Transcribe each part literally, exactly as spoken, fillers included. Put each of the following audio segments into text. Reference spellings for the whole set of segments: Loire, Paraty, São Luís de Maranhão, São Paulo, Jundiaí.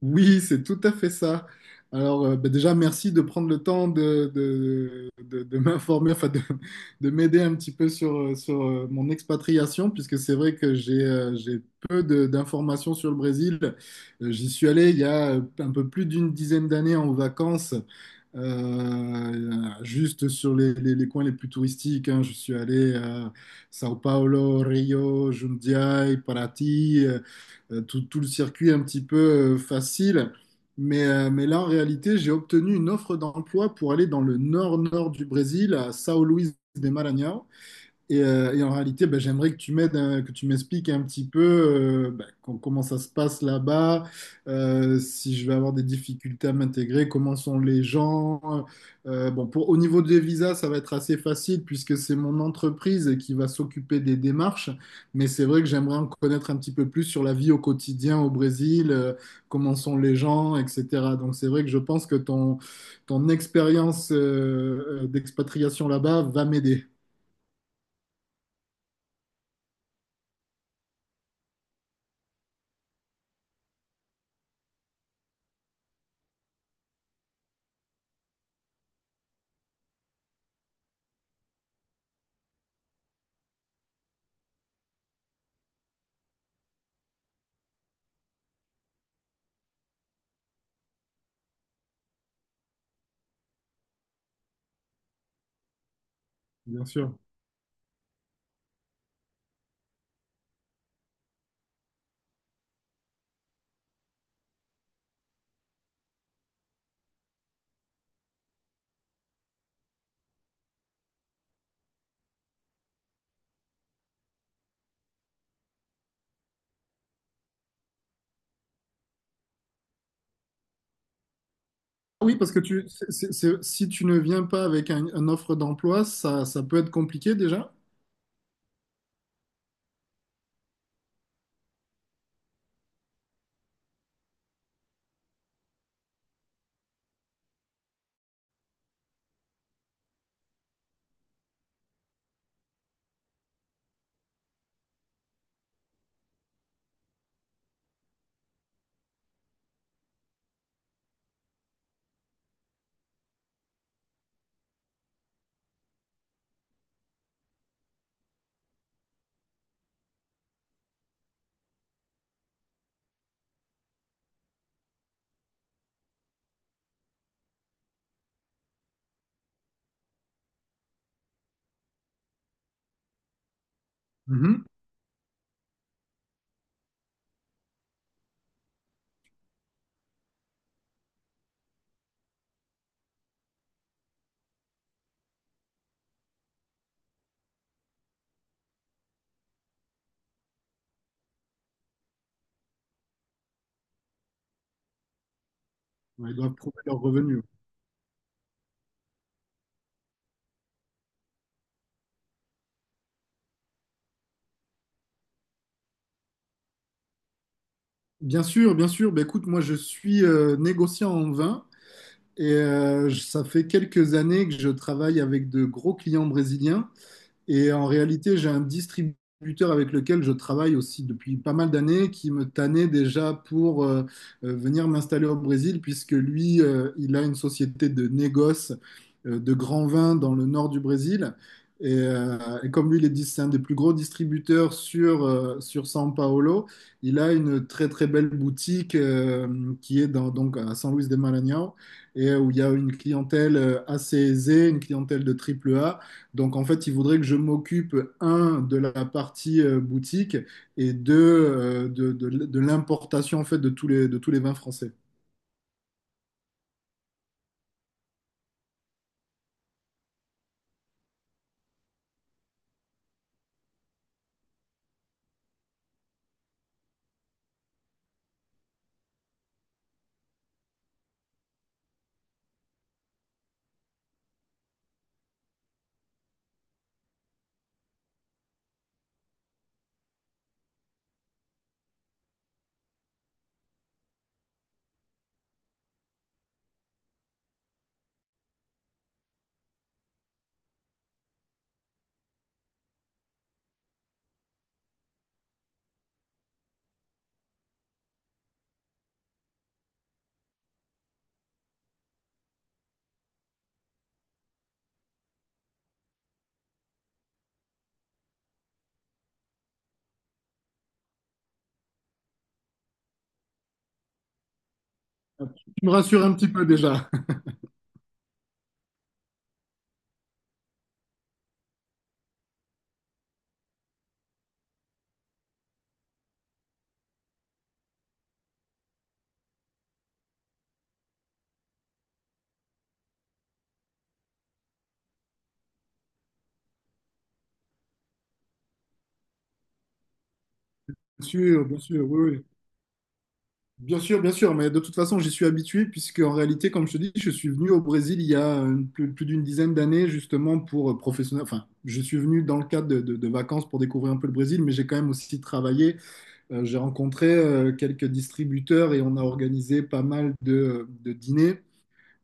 Oui, c'est tout à fait ça. Alors, euh, bah, déjà, merci de prendre le temps de, de, de- de m'informer, enfin de, de m'aider un petit peu sur, euh, sur euh, mon expatriation, puisque c'est vrai que j'ai euh, j'ai peu de- d'informations sur le Brésil. Euh, j'y suis allé il y a euh, un peu plus d'une dizaine d'années en vacances euh, juste sur les, les- les coins les plus touristiques, hein, je suis allé à Sao Paulo, Rio, Jundiaí, Paraty, euh, euh, tout, tout le circuit un petit peu euh, facile. Mais, euh, mais là, en réalité, j'ai obtenu une offre d'emploi pour aller dans le nord-nord du Brésil, à São Luís de Maranhão. Et, euh, et en réalité, bah, j'aimerais que tu m'aides, euh, que tu m'expliques un petit peu euh, bah, com- comment ça se passe là-bas, euh, si je vais avoir des difficultés à m'intégrer, comment sont les gens. Euh, euh, bon, pour, au niveau des visas, ça va être assez facile puisque c'est mon entreprise qui va s'occuper des démarches. Mais c'est vrai que j'aimerais en connaître un petit peu plus sur la vie au quotidien au Brésil, euh, comment sont les gens, et cetera. Donc c'est vrai que je pense que ton, ton expérience euh, euh, d'expatriation là-bas va m'aider, bien sûr. Oui, parce que tu, c'est- c'est- c'est- si tu ne viens pas avec un- une offre d'emploi, ça, ça peut être compliqué déjà. Mhm. Ouais, ils doivent prouver leurs revenus. Bien sûr, bien sûr. Ben, écoute, moi, je suis euh, négociant en vin et euh, je- ça fait quelques années que je travaille avec de gros clients brésiliens. Et en réalité, j'ai un distributeur avec lequel je travaille aussi depuis pas mal d'années qui me tannait déjà pour euh, euh, venir m'installer au Brésil, puisque lui, euh, il a une société de négoce euh, de grands vins dans le nord du Brésil. Et, euh, et comme lui, il est c'est un des plus gros distributeurs sur, euh, sur São Paulo, il a une très très belle boutique euh, qui est dans, donc à São Luís de Maranhão et euh, où il y a une clientèle euh, assez aisée, une clientèle de triple A donc, en fait, il voudrait que je m'occupe, un, de la partie euh, boutique et deux, euh, de, de, de l'importation, en fait, de tous les, de tous les vins français. Tu me rassures un petit peu déjà. Bien sûr, bien sûr, oui, oui. Bien sûr, bien sûr, mais de toute façon, j'y suis habitué puisque en réalité, comme je te dis, je suis venu au Brésil il y a euh, plus, plus d'une dizaine d'années justement pour euh, professionnel. Enfin, je suis venu dans le cadre de, de- de vacances pour découvrir un peu le Brésil, mais j'ai quand même aussi travaillé. Euh, j'ai rencontré euh, quelques distributeurs et on a organisé pas mal de, euh, de dîners.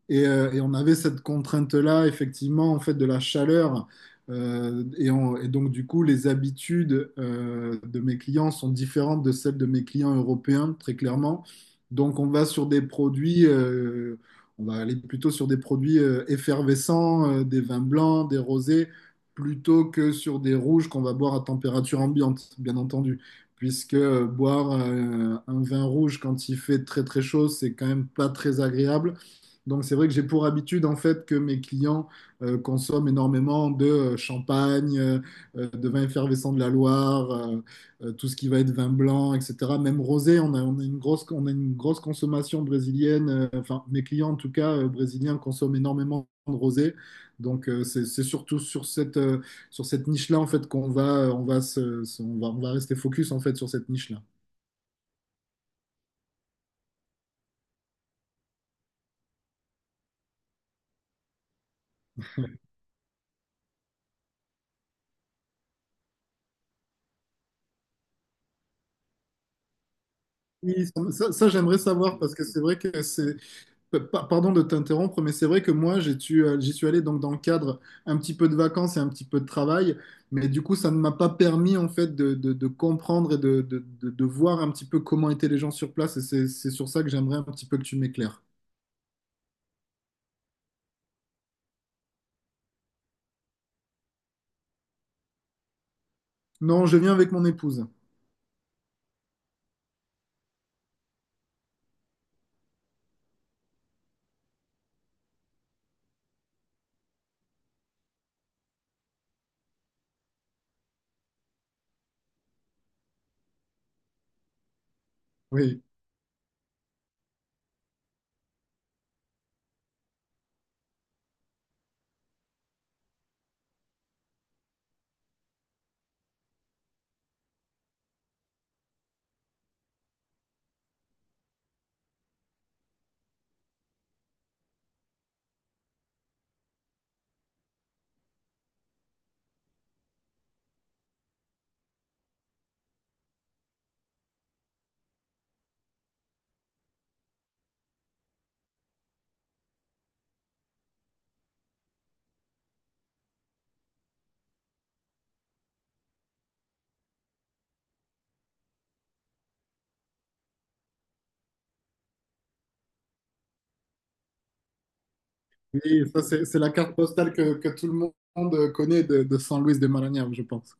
Et, euh, et on avait cette contrainte-là, effectivement, en fait, de la chaleur. Euh, et, on- et donc, du coup, les habitudes euh, de mes clients sont différentes de celles de mes clients européens, très clairement. Donc, on va sur des produits, euh, on va aller plutôt sur des produits euh, effervescents, euh, des vins blancs, des rosés, plutôt que sur des rouges qu'on va boire à température ambiante, bien entendu. Puisque euh, boire euh, un vin rouge quand il fait très très chaud, c'est quand même pas très agréable. Donc, c'est vrai que j'ai pour habitude, en fait, que mes clients euh, consomment énormément de euh, champagne, euh, euh, de vin effervescent de la Loire, euh, euh, tout ce qui va être vin blanc, et cetera. Même rosé, on a, on a une grosse, on a une grosse consommation brésilienne. Euh, enfin, mes clients, en tout cas, euh, brésiliens, consomment énormément de rosé. Donc, euh, c'est c'est surtout sur cette, euh, sur cette niche-là, en fait, qu'on va, euh, on va se- se- on va, on va rester focus, en fait, sur cette niche-là. Oui, ça, ça, j'aimerais savoir parce que c'est vrai que c'est Pa- pa- pardon de t'interrompre, mais c'est vrai que moi, j'ai tu- euh, j'y suis allé donc dans le cadre un petit peu de vacances et un petit peu de travail, mais du coup, ça ne m'a pas permis en fait de, de- de comprendre et de, de- de- de voir un petit peu comment étaient les gens sur place, et c'est c'est sur ça que j'aimerais un petit peu que tu m'éclaires. Non, je viens avec mon épouse. Oui, oui, ça c'est c'est la carte postale que, que tout le monde connaît de, de San Luis de Marañón, je pense.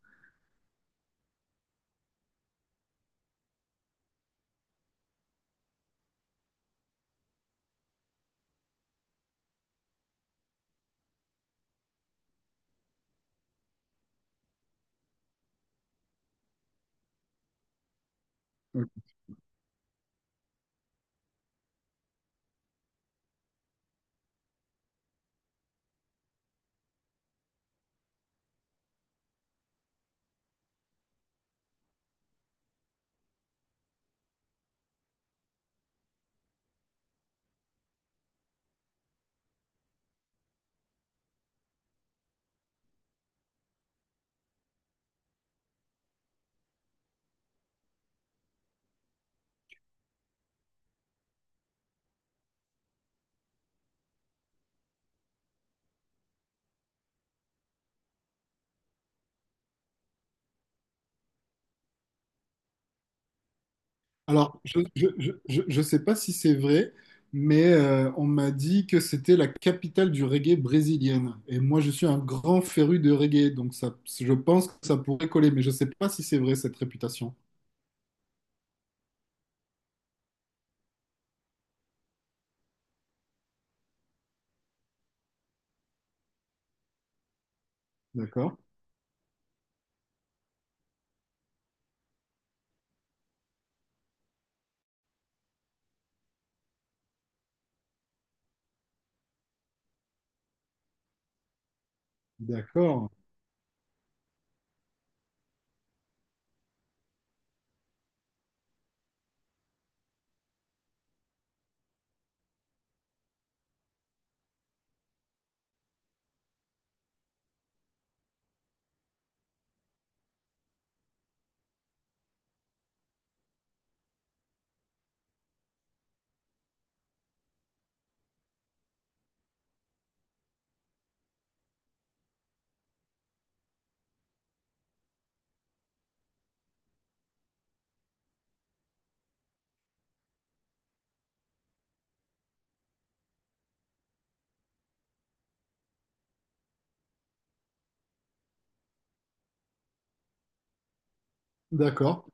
Alors, je je, je, je- je sais pas si c'est vrai, mais euh, on m'a dit que c'était la capitale du reggae brésilienne. Et moi, je suis un grand féru de reggae, donc ça, je pense que ça pourrait coller, mais je sais pas si c'est vrai cette réputation. D'accord? D'accord. D'accord.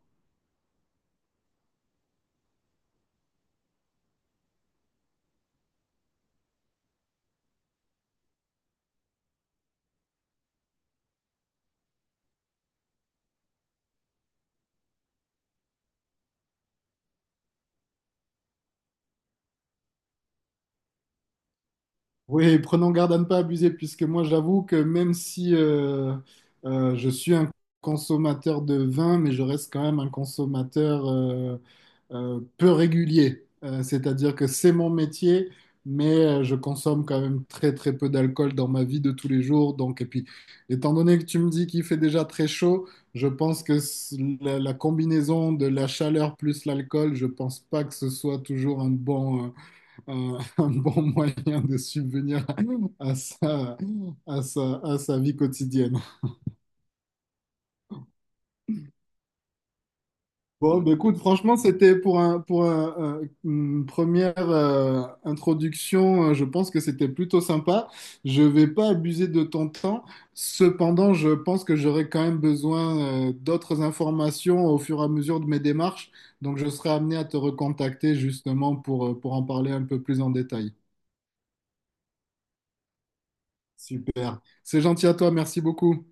Oui, prenons garde à ne pas abuser, puisque moi, j'avoue que même si euh, euh, je suis un consommateur de vin, mais je reste quand même un consommateur. Euh, euh, peu régulier. Euh, c'est-à-dire que c'est mon métier, mais euh, je consomme quand même très très peu d'alcool dans ma vie de tous les jours. Donc, et puis, étant donné que tu me dis qu'il fait déjà très chaud, je pense que c- la, la combinaison de la chaleur plus l'alcool, je pense pas que ce soit toujours un bon, euh, un, un bon moyen de subvenir à sa, à sa, à sa vie quotidienne. Bon, bah, écoute, franchement, c'était pour un, pour un- un- une première euh, introduction, euh, je pense que c'était plutôt sympa. Je vais pas abuser de ton temps. Cependant, je pense que j'aurai quand même besoin euh, d'autres informations au fur et à mesure de mes démarches. Donc, je serai amené à te recontacter justement pour, euh, pour en parler un peu plus en détail. Super. C'est gentil à toi, merci beaucoup.